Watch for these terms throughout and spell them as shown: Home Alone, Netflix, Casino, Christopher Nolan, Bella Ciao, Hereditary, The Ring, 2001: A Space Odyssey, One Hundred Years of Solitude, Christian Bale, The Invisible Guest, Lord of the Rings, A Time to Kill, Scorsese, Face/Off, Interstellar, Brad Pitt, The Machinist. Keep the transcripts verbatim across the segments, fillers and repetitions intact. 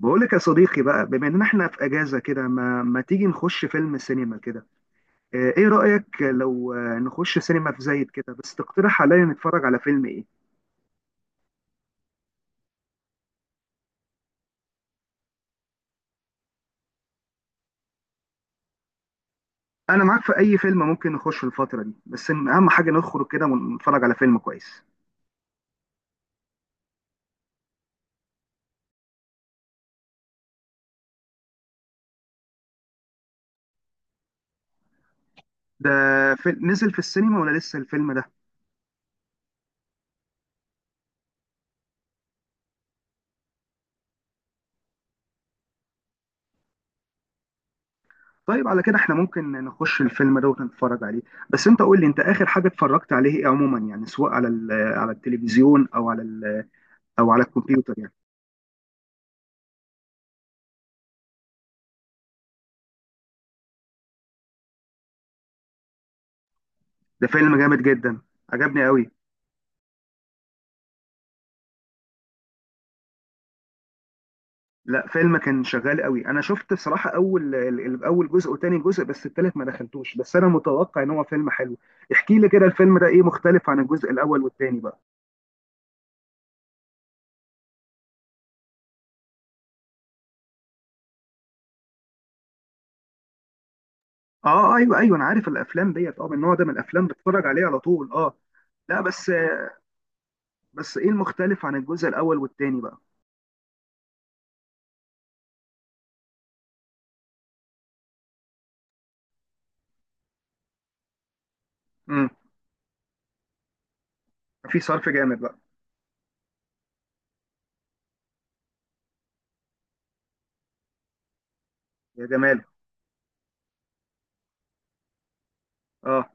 بقول لك يا صديقي، بقى بما اننا احنا في اجازه كده، ما, ما تيجي نخش فيلم سينما كده؟ آه، ايه رايك لو آه، نخش سينما في زايد كده، بس تقترح عليا نتفرج على فيلم ايه؟ انا معاك في اي فيلم، ممكن نخش الفتره دي، بس إن اهم حاجه نخرج كده ونتفرج على فيلم كويس. ده في... نزل في السينما ولا لسه الفيلم ده؟ طيب على كده احنا ممكن نخش الفيلم ده ونتفرج عليه. بس انت قول لي، انت اخر حاجه اتفرجت عليه ايه عموما؟ يعني سواء على ال... على التلفزيون او على ال... او على الكمبيوتر يعني. ده فيلم جامد جدا، عجبني قوي. لا، فيلم كان شغال قوي، انا شفت صراحه اول ال- ال- اول جزء وتاني جزء، بس التالت ما دخلتوش، بس انا متوقع ان هو فيلم حلو. احكي لي كده الفيلم ده ايه مختلف عن الجزء الاول والتاني بقى؟ اه ايوه ايوه، انا عارف الافلام ديت، اه من النوع ده من الافلام بتفرج عليه على طول، اه. لا بس، بس ايه المختلف عن الجزء الاول والتاني بقى؟ امم. في صرف جامد بقى؟ يا جمال، اه.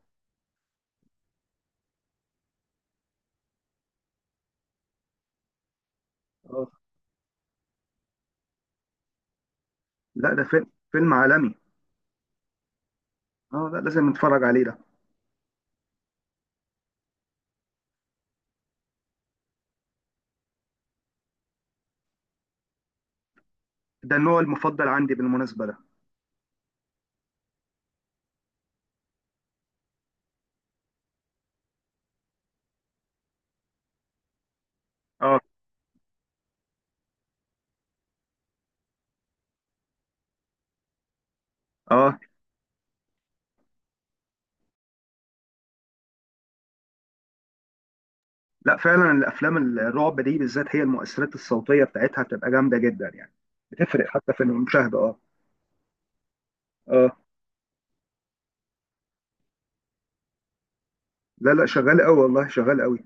اه، لا ده فيلم، فيلم عالمي. اه، لا لازم نتفرج عليه ده. ده النوع المفضل عندي بالمناسبه ده. اه. اه، لا فعلا الافلام الرعب دي بالذات، هي المؤثرات الصوتيه بتاعتها بتبقى جامده جدا يعني، بتفرق حتى في المشاهده، اه. اه، لا لا، شغال قوي، والله شغال قوي.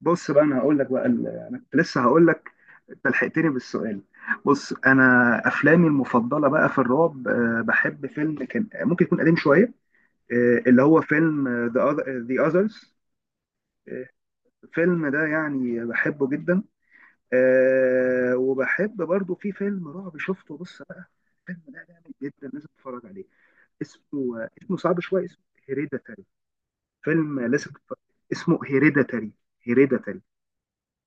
بص بقى، انا هقول لك بقى ال- انا كنت لسه هقول لك، انت لحقتني بالسؤال. بص انا، افلامي المفضله بقى في الرعب، آه، بحب فيلم كان ممكن يكون قديم شويه، آه، اللي هو فيلم ذا ذا اذرز. الفيلم ده يعني بحبه جدا. آه، وبحب برضو في فيلم رعب شفته، بص بقى، الفيلم ده جامد جدا، لازم تتفرج عليه. اسمه، اسمه صعب شويه، اسمه هيريديتاري. فيلم لازم تتفرج. اسمه هيريديتاري. هيريديتاري،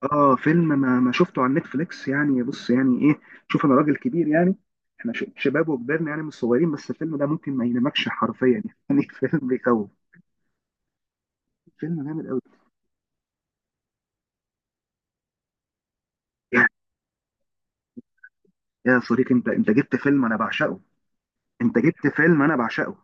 اه. فيلم ما ما شفته على نتفليكس يعني، بص يعني ايه، شوف انا راجل كبير يعني، احنا ش- شباب وكبرنا يعني، مش صغيرين، بس الفيلم ده ممكن ما ينامكش حرفيا يعني فيلم بيخوف. فيلم جامد قوي. يا يا صديقي، انت انت جبت فيلم انا بعشقه. انت جبت فيلم انا بعشقه.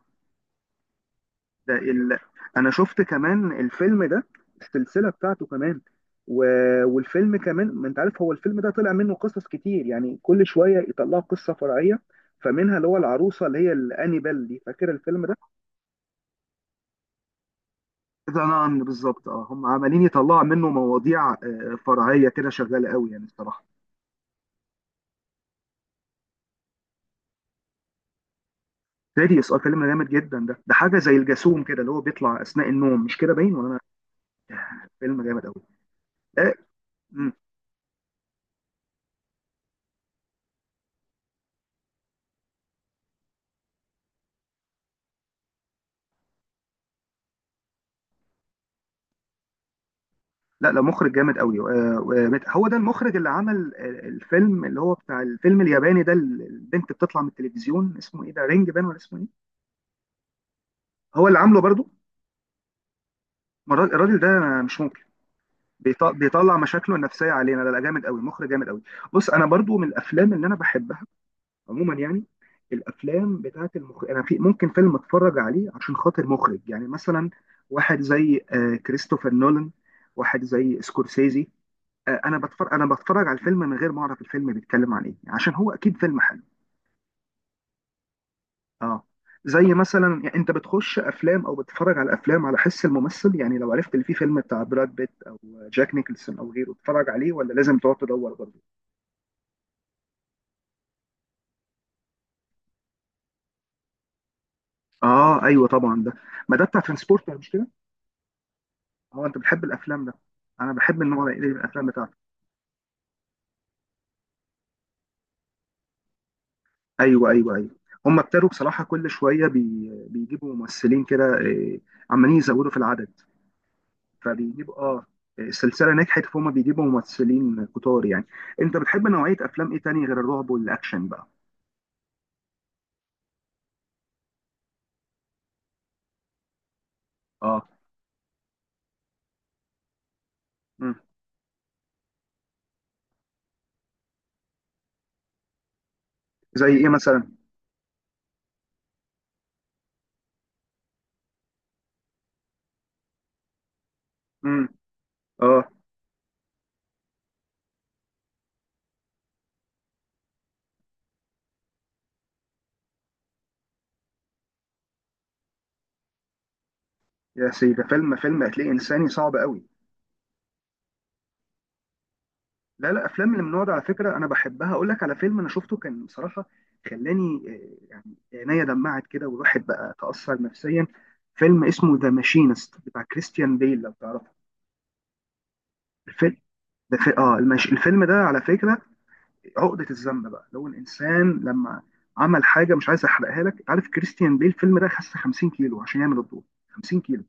ده ال... انا شفت كمان الفيلم ده، السلسله بتاعته كمان، و... والفيلم كمان، ما انت عارف هو الفيلم ده طلع منه قصص كتير يعني، كل شويه يطلعوا قصه فرعيه، فمنها اللي هو العروسه اللي هي الانيبال دي، فاكر الفيلم ده؟ ذا نان بالظبط، اه، هم عمالين يطلعوا منه مواضيع، آه، فرعيه كده، شغاله قوي يعني الصراحه. سيريس، اه فيلم جامد جدا ده، ده حاجه زي الجاسوم كده، اللي هو بيطلع اثناء النوم، مش كده باين ولا انا؟ فيلم جامد قوي. آه. لا لا، مخرج جامد قوي، آه، ومت- هو ده المخرج اللي عمل، آه، الفيلم اللي هو بتاع الفيلم الياباني ده، اللي البنت بتطلع من التلفزيون، اسمه ايه ده، رينج بان ولا اسمه ايه؟ هو اللي عامله برضو. ما الراجل، الراجل ده مش ممكن، بيط- بيطلع مشاكله النفسيه علينا، لا لا جامد قوي، مخرج جامد قوي. بص انا برضو من الافلام اللي انا بحبها عموما يعني، الافلام بتاعت المخرج، انا في ممكن فيلم اتفرج عليه عشان خاطر مخرج، يعني مثلا واحد زي، آه، كريستوفر نولان، واحد زي سكورسيزي، آه، انا بتفرج، انا بتفرج على الفيلم من غير ما اعرف الفيلم بيتكلم عن ايه، عشان هو اكيد فيلم حلو. اه. زي مثلا يعني، انت بتخش افلام او بتتفرج على افلام على حس الممثل يعني، لو عرفت اللي فيه فيلم بتاع براد بيت او جاك نيكلسون او غيره تتفرج عليه ولا لازم تقعد تدور برضه؟ اه ايوه طبعا ده، ما ده بتاع ترانسبورتر، مش كده؟ اه، انت بتحب الافلام ده، انا بحب النوع ده، إيه الافلام بتاعته. ايوه ايوه ايوه، هم ابتدوا بصراحه كل شويه بي... بيجيبوا ممثلين كده، آه، عمالين يزودوا في العدد. فبيجيب اه، السلسله نجحت، فهم بيجيبوا ممثلين كتار يعني. انت بتحب نوعيه افلام ايه تاني غير الرعب والاكشن بقى؟ اه. مم. زي ايه مثلا؟ امم، اه. يا سيدي، ده فيلم، فيلم هتلاقيه انساني صعب قوي. لا لا، افلام اللي من النوع ده على فكره انا بحبها، اقول لك على فيلم انا شفته، كان بصراحه خلاني، آه، يعني عينيا دمعت كده، والواحد بقى تاثر نفسيا. فيلم اسمه ذا ماشينست، بتاع كريستيان بيل، لو تعرفه. الفيلم ده في... اه المش... الفيلم ده على فكره عقده الذنب بقى، لو الانسان لما عمل حاجه مش عايز، احرقها لك، عارف كريستيان بيل الفيلم ده خس خمسين كيلو عشان يعمل الدور. خمسين كيلو.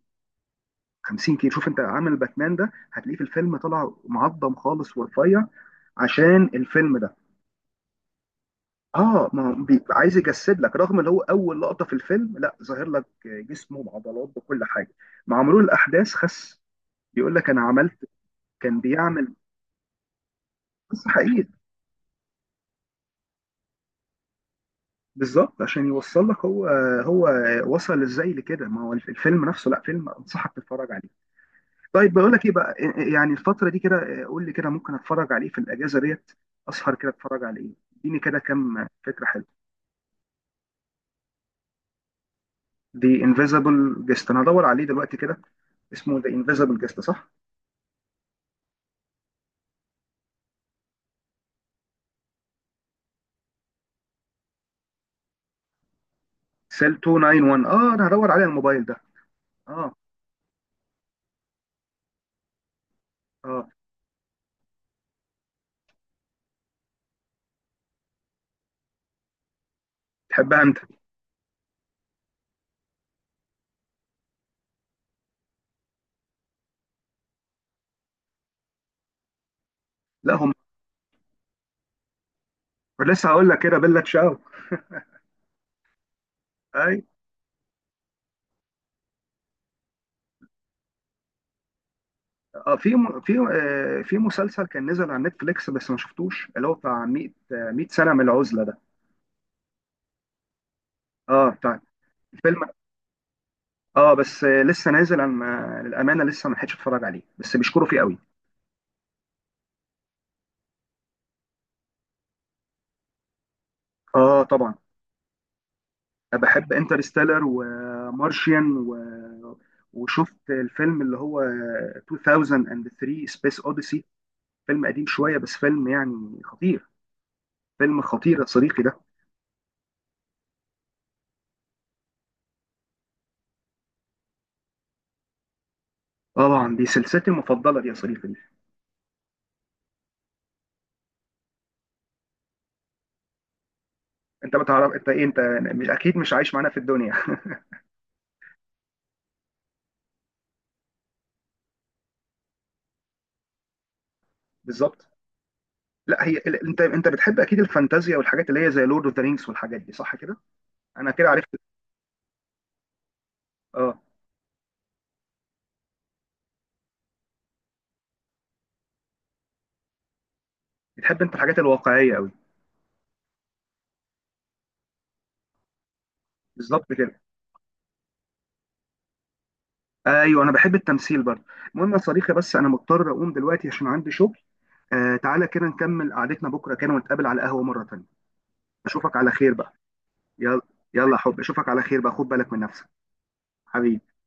خمسين كيلو. شوف انت عامل باتمان ده، هتلاقيه في الفيلم طلع معظم خالص ورفيع عشان الفيلم ده. اه ما هو بي- عايز يجسد لك، رغم ان هو اول لقطه في الفيلم لا، ظاهر لك جسمه بعضلات بكل حاجه. مع مرور الاحداث خس، بيقول لك انا عملت، كان بيعمل، بس حقيقي. بالظبط، عشان يوصل لك هو، هو وصل ازاي لكده، ما هو الفيلم نفسه، لا فيلم انصحك تتفرج عليه. طيب بقول لك ايه بقى، إيه، إيه، يعني الفتره دي كده، إيه، قول لي كده ممكن اتفرج عليه في الاجازه ديت، اسهر كده اتفرج على ايه، اديني كده كام فكره حلوه. دي انفيزبل جيست، انا هدور عليه دلوقتي كده. اسمه ذا انفيزبل جيست، صح؟ سيل مئتين وواحد وتسعين، اه انا هدور عليه على الموبايل ده، اه. اه. تحبها انت. لا هم، لسه هقول لك كده، بيلا تشاو. اه، في م- في، آه، في مسلسل كان نزل على نتفليكس بس ما شفتوش، اللي هو بتاع مية، آه، مية سنة من العزلة ده. اه بتاع الفيلم، اه بس، آه، لسه نازل، انا ما- للأمانة لسه ما لحقتش اتفرج عليه، بس بيشكروا فيه قوي. اه طبعا. أنا بحب انترستيلر ومارشيان و... وشفت الفيلم اللي هو الفين وتلاتة سبيس اوديسي، فيلم قديم شوية، بس فيلم يعني خطير. فيلم خطير يا صديقي ده. طبعا، دي سلسلتي المفضلة دي يا صديقي. انت ما تعرف انت ايه، انت مش اكيد مش عايش معانا في الدنيا بالظبط. لا هي ال- انت انت بتحب اكيد الفانتازيا والحاجات اللي هي زي لورد اوف ذا رينجز والحاجات دي، صح كده؟ انا كده عرفت. اه. بتحب انت الحاجات الواقعيه قوي. بالظبط كده. ايوه، انا بحب التمثيل برضه. المهم يا صديقي، بس انا مضطر اقوم دلوقتي عشان عندي شغل. آه تعالى كده نكمل قعدتنا بكره كده، ونتقابل على قهوه مره تانيه. اشوفك على خير بقى. يلا، يلا يا حب اشوفك على خير بقى، خد بالك من نفسك حبيبي.